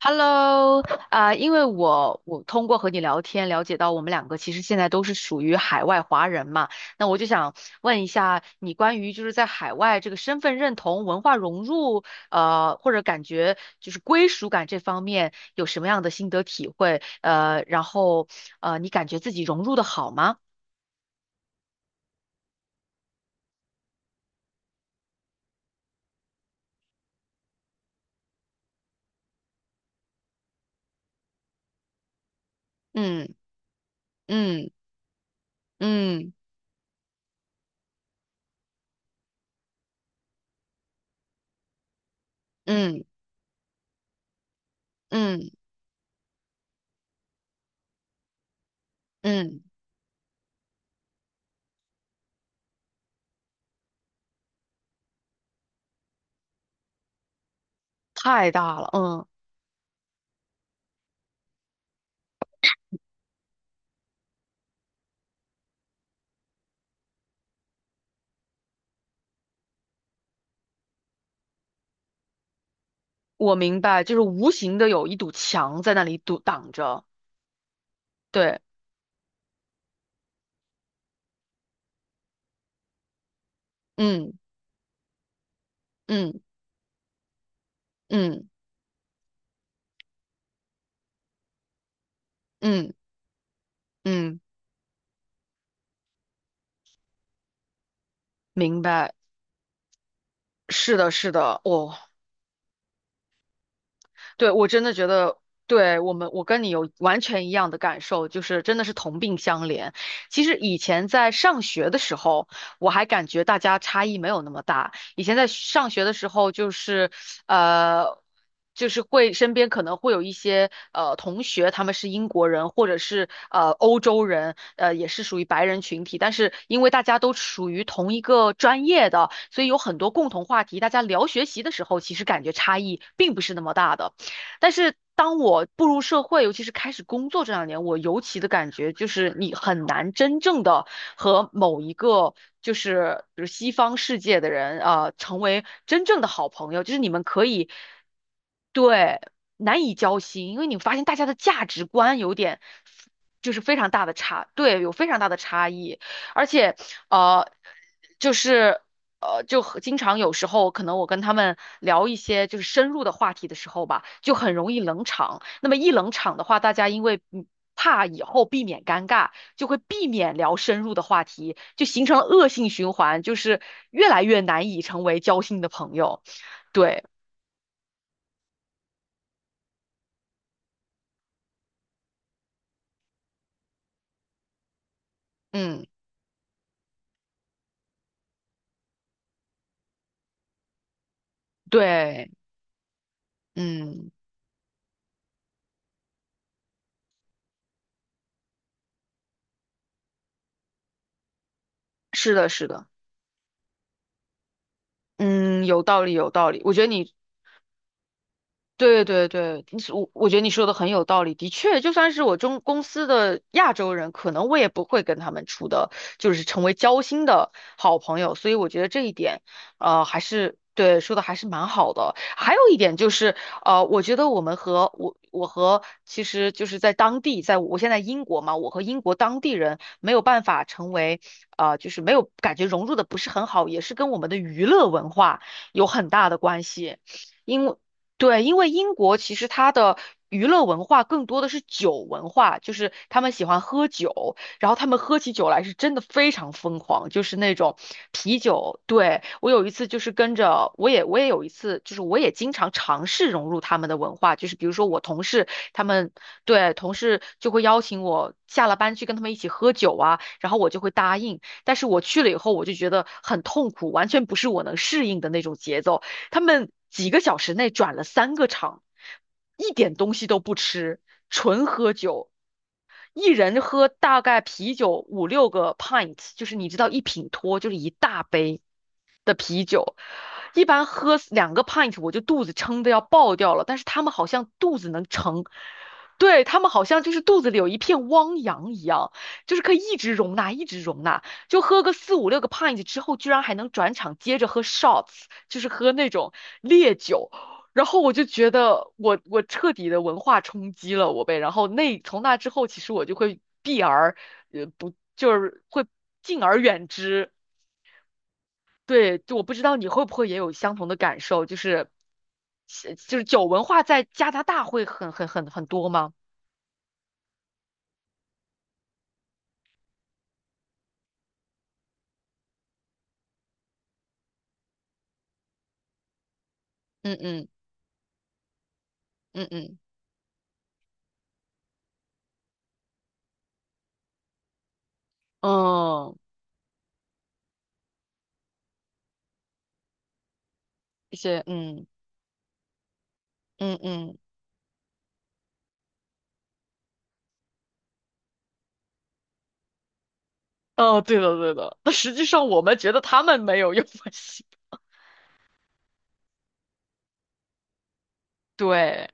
Hello，因为我通过和你聊天了解到我们两个其实现在都是属于海外华人嘛，那我就想问一下你关于就是在海外这个身份认同、文化融入，或者感觉就是归属感这方面有什么样的心得体会？然后你感觉自己融入的好吗？嗯嗯嗯嗯嗯嗯，太大了，嗯，我明白，就是无形的有一堵墙在那里堵挡着。对，嗯嗯嗯嗯嗯，明白。是的，是的，对，我真的觉得，对我们，我跟你有完全一样的感受，就是真的是同病相怜。其实以前在上学的时候，我还感觉大家差异没有那么大。以前在上学的时候，就是呃，就是会身边可能会有一些同学，他们是英国人或者是欧洲人，也是属于白人群体，但是因为大家都属于同一个专业的，所以有很多共同话题，大家聊学习的时候，其实感觉差异并不是那么大的。但是当我步入社会，尤其是开始工作这2年，我尤其的感觉就是你很难真正的和某一个就是比如西方世界的人啊、成为真正的好朋友，就是你们可以，对，难以交心，因为你发现大家的价值观有点。就是非常大的差，对，有非常大的差异，而且，呃，就是就很经常有时候可能我跟他们聊一些就是深入的话题的时候吧，就很容易冷场。那么一冷场的话，大家因为怕以后避免尴尬，就会避免聊深入的话题，就形成了恶性循环，就是越来越难以成为交心的朋友。对，嗯，对，嗯，是的，是的，嗯，有道理，有道理。我觉得你，对对对，你，我觉得你说的很有道理，的确，就算是我中公司的亚洲人，可能我也不会跟他们处的，就是成为交心的好朋友，所以我觉得这一点，还是对说的还是蛮好的。还有一点就是，我觉得我们和我和其实就是在当地，在我现在英国嘛，我和英国当地人没有办法成为，就是没有感觉融入的不是很好，也是跟我们的娱乐文化有很大的关系。因为对，因为英国其实它的娱乐文化更多的是酒文化，就是他们喜欢喝酒，然后他们喝起酒来是真的非常疯狂，就是那种啤酒。对，我有一次就是跟着，我也有一次，就是我也经常尝试融入他们的文化，就是比如说我同事他们，对，同事就会邀请我下了班去跟他们一起喝酒啊，然后我就会答应，但是我去了以后，我就觉得很痛苦，完全不是我能适应的那种节奏。他们几个小时内转了三个场，一点东西都不吃，纯喝酒，一人喝大概啤酒五六个 pint，就是你知道一品脱就是一大杯的啤酒，一般喝2 pint 我就肚子撑得要爆掉了，但是他们好像肚子能撑。对，他们好像就是肚子里有一片汪洋一样，就是可以一直容纳，一直容纳。就喝个四五六个 pint 之后，居然还能转场接着喝 shots，就是喝那种烈酒。然后我就觉得我彻底的文化冲击了我呗。然后从那之后，其实我就会避而不就是会敬而远之。对，就我不知道你会不会也有相同的感受，就是酒文化在加拿大会很很很很多吗？嗯嗯嗯嗯嗯，一些嗯嗯嗯。哦，对的对的，那实际上我们觉得他们没有用 过西对，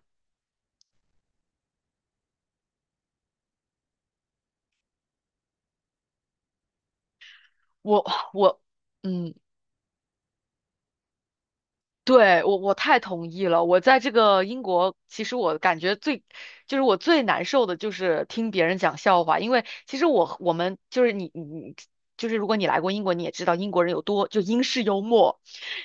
我我，嗯。对，我太同意了。我在这个英国，其实我感觉最，就是我最难受的就是听别人讲笑话，因为其实我们就是你就是如果你来过英国，你也知道英国人有多就英式幽默，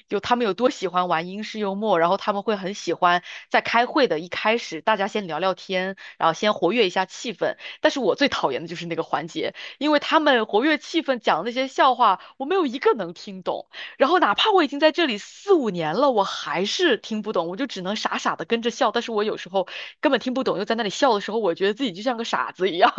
有他们有多喜欢玩英式幽默，然后他们会很喜欢在开会的一开始大家先聊聊天，然后先活跃一下气氛。但是我最讨厌的就是那个环节，因为他们活跃气氛讲的那些笑话，我没有一个能听懂。然后哪怕我已经在这里四五年了，我还是听不懂，我就只能傻傻的跟着笑。但是我有时候根本听不懂，又在那里笑的时候，我觉得自己就像个傻子一样。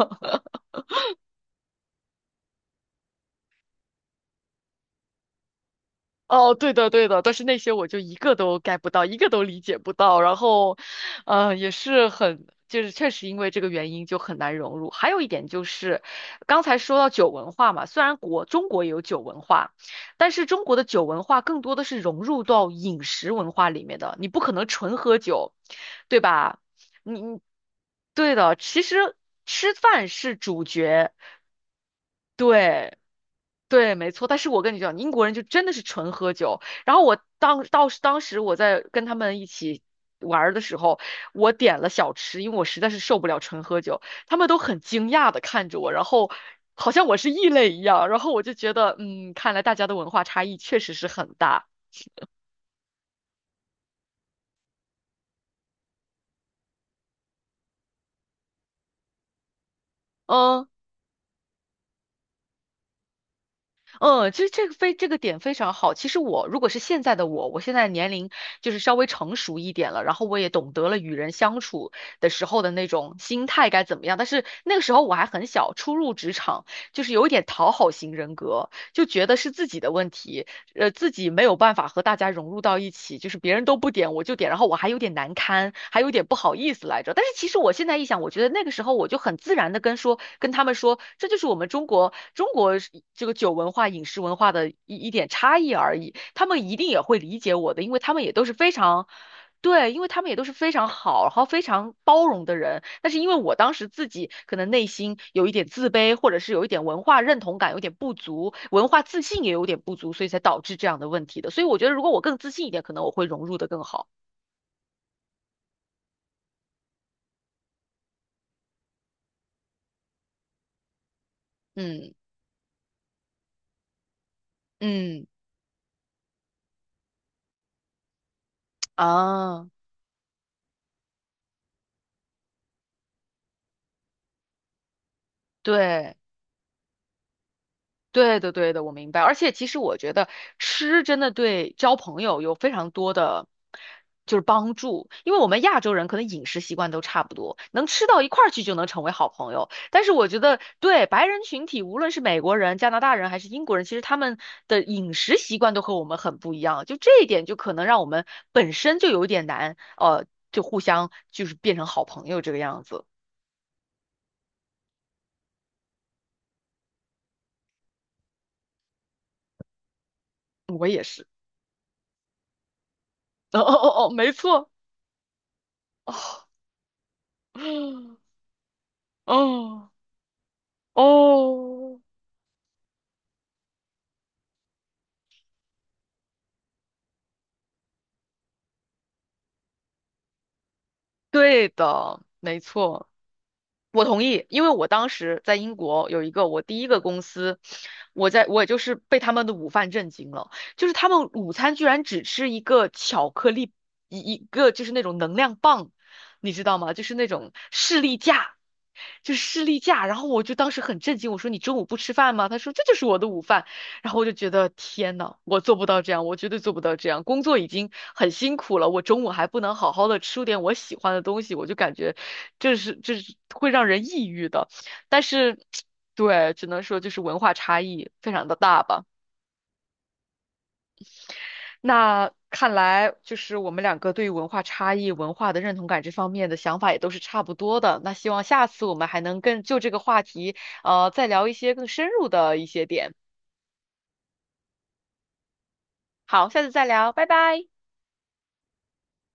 哦，对的，对的，但是那些我就一个都 get 不到，一个都理解不到，然后，也是很，就是确实因为这个原因就很难融入。还有一点就是，刚才说到酒文化嘛，虽然中国也有酒文化，但是中国的酒文化更多的是融入到饮食文化里面的，你不可能纯喝酒，对吧？你你对的，其实吃饭是主角，对。对，没错。但是我跟你讲，英国人就真的是纯喝酒。然后我当时我在跟他们一起玩儿的时候，我点了小吃，因为我实在是受不了纯喝酒。他们都很惊讶的看着我，然后好像我是异类一样。然后我就觉得，嗯，看来大家的文化差异确实是很大。嗯。嗯，其实这个非这个点非常好。其实我如果是现在的我，我现在年龄就是稍微成熟一点了，然后我也懂得了与人相处的时候的那种心态该怎么样。但是那个时候我还很小，初入职场，就是有一点讨好型人格，就觉得是自己的问题。自己没有办法和大家融入到一起，就是别人都不点，我就点，然后我还有点难堪，还有点不好意思来着。但是其实我现在一想，我觉得那个时候我就很自然的跟说，跟他们说，这就是我们中国是这个酒文化、饮食文化的一点差异而已。他们一定也会理解我的，因为他们也都是非常，对，因为他们也都是非常好，然后非常包容的人。但是因为我当时自己可能内心有一点自卑，或者是有一点文化认同感有点不足，文化自信也有点不足，所以才导致这样的问题的。所以我觉得，如果我更自信一点，可能我会融入的更好。嗯嗯啊，对。对的，对的，我明白。而且其实我觉得吃真的对交朋友有非常多的就是帮助，因为我们亚洲人可能饮食习惯都差不多，能吃到一块儿去就能成为好朋友。但是我觉得对白人群体，无论是美国人、加拿大人还是英国人，其实他们的饮食习惯都和我们很不一样，就这一点就可能让我们本身就有一点难，就互相就是变成好朋友这个样子。我也是，哦哦哦哦，没错，哦，嗯哦。哦，对的，没错。我同意，因为我当时在英国有一个我第一个公司，我在我也就是被他们的午饭震惊了，就是他们午餐居然只吃一个巧克力，一个就是那种能量棒，你知道吗？就是那种士力架，就是士力架。然后我就当时很震惊，我说你中午不吃饭吗？他说这就是我的午饭。然后我就觉得天呐，我做不到这样，我绝对做不到这样。工作已经很辛苦了，我中午还不能好好的吃点我喜欢的东西，我就感觉这是会让人抑郁的。但是，对，只能说就是文化差异非常的大吧。那看来就是我们两个对于文化差异、文化的认同感这方面的想法也都是差不多的。那希望下次我们还能更就这个话题，再聊一些更深入的一些点。好，下次再聊，拜拜。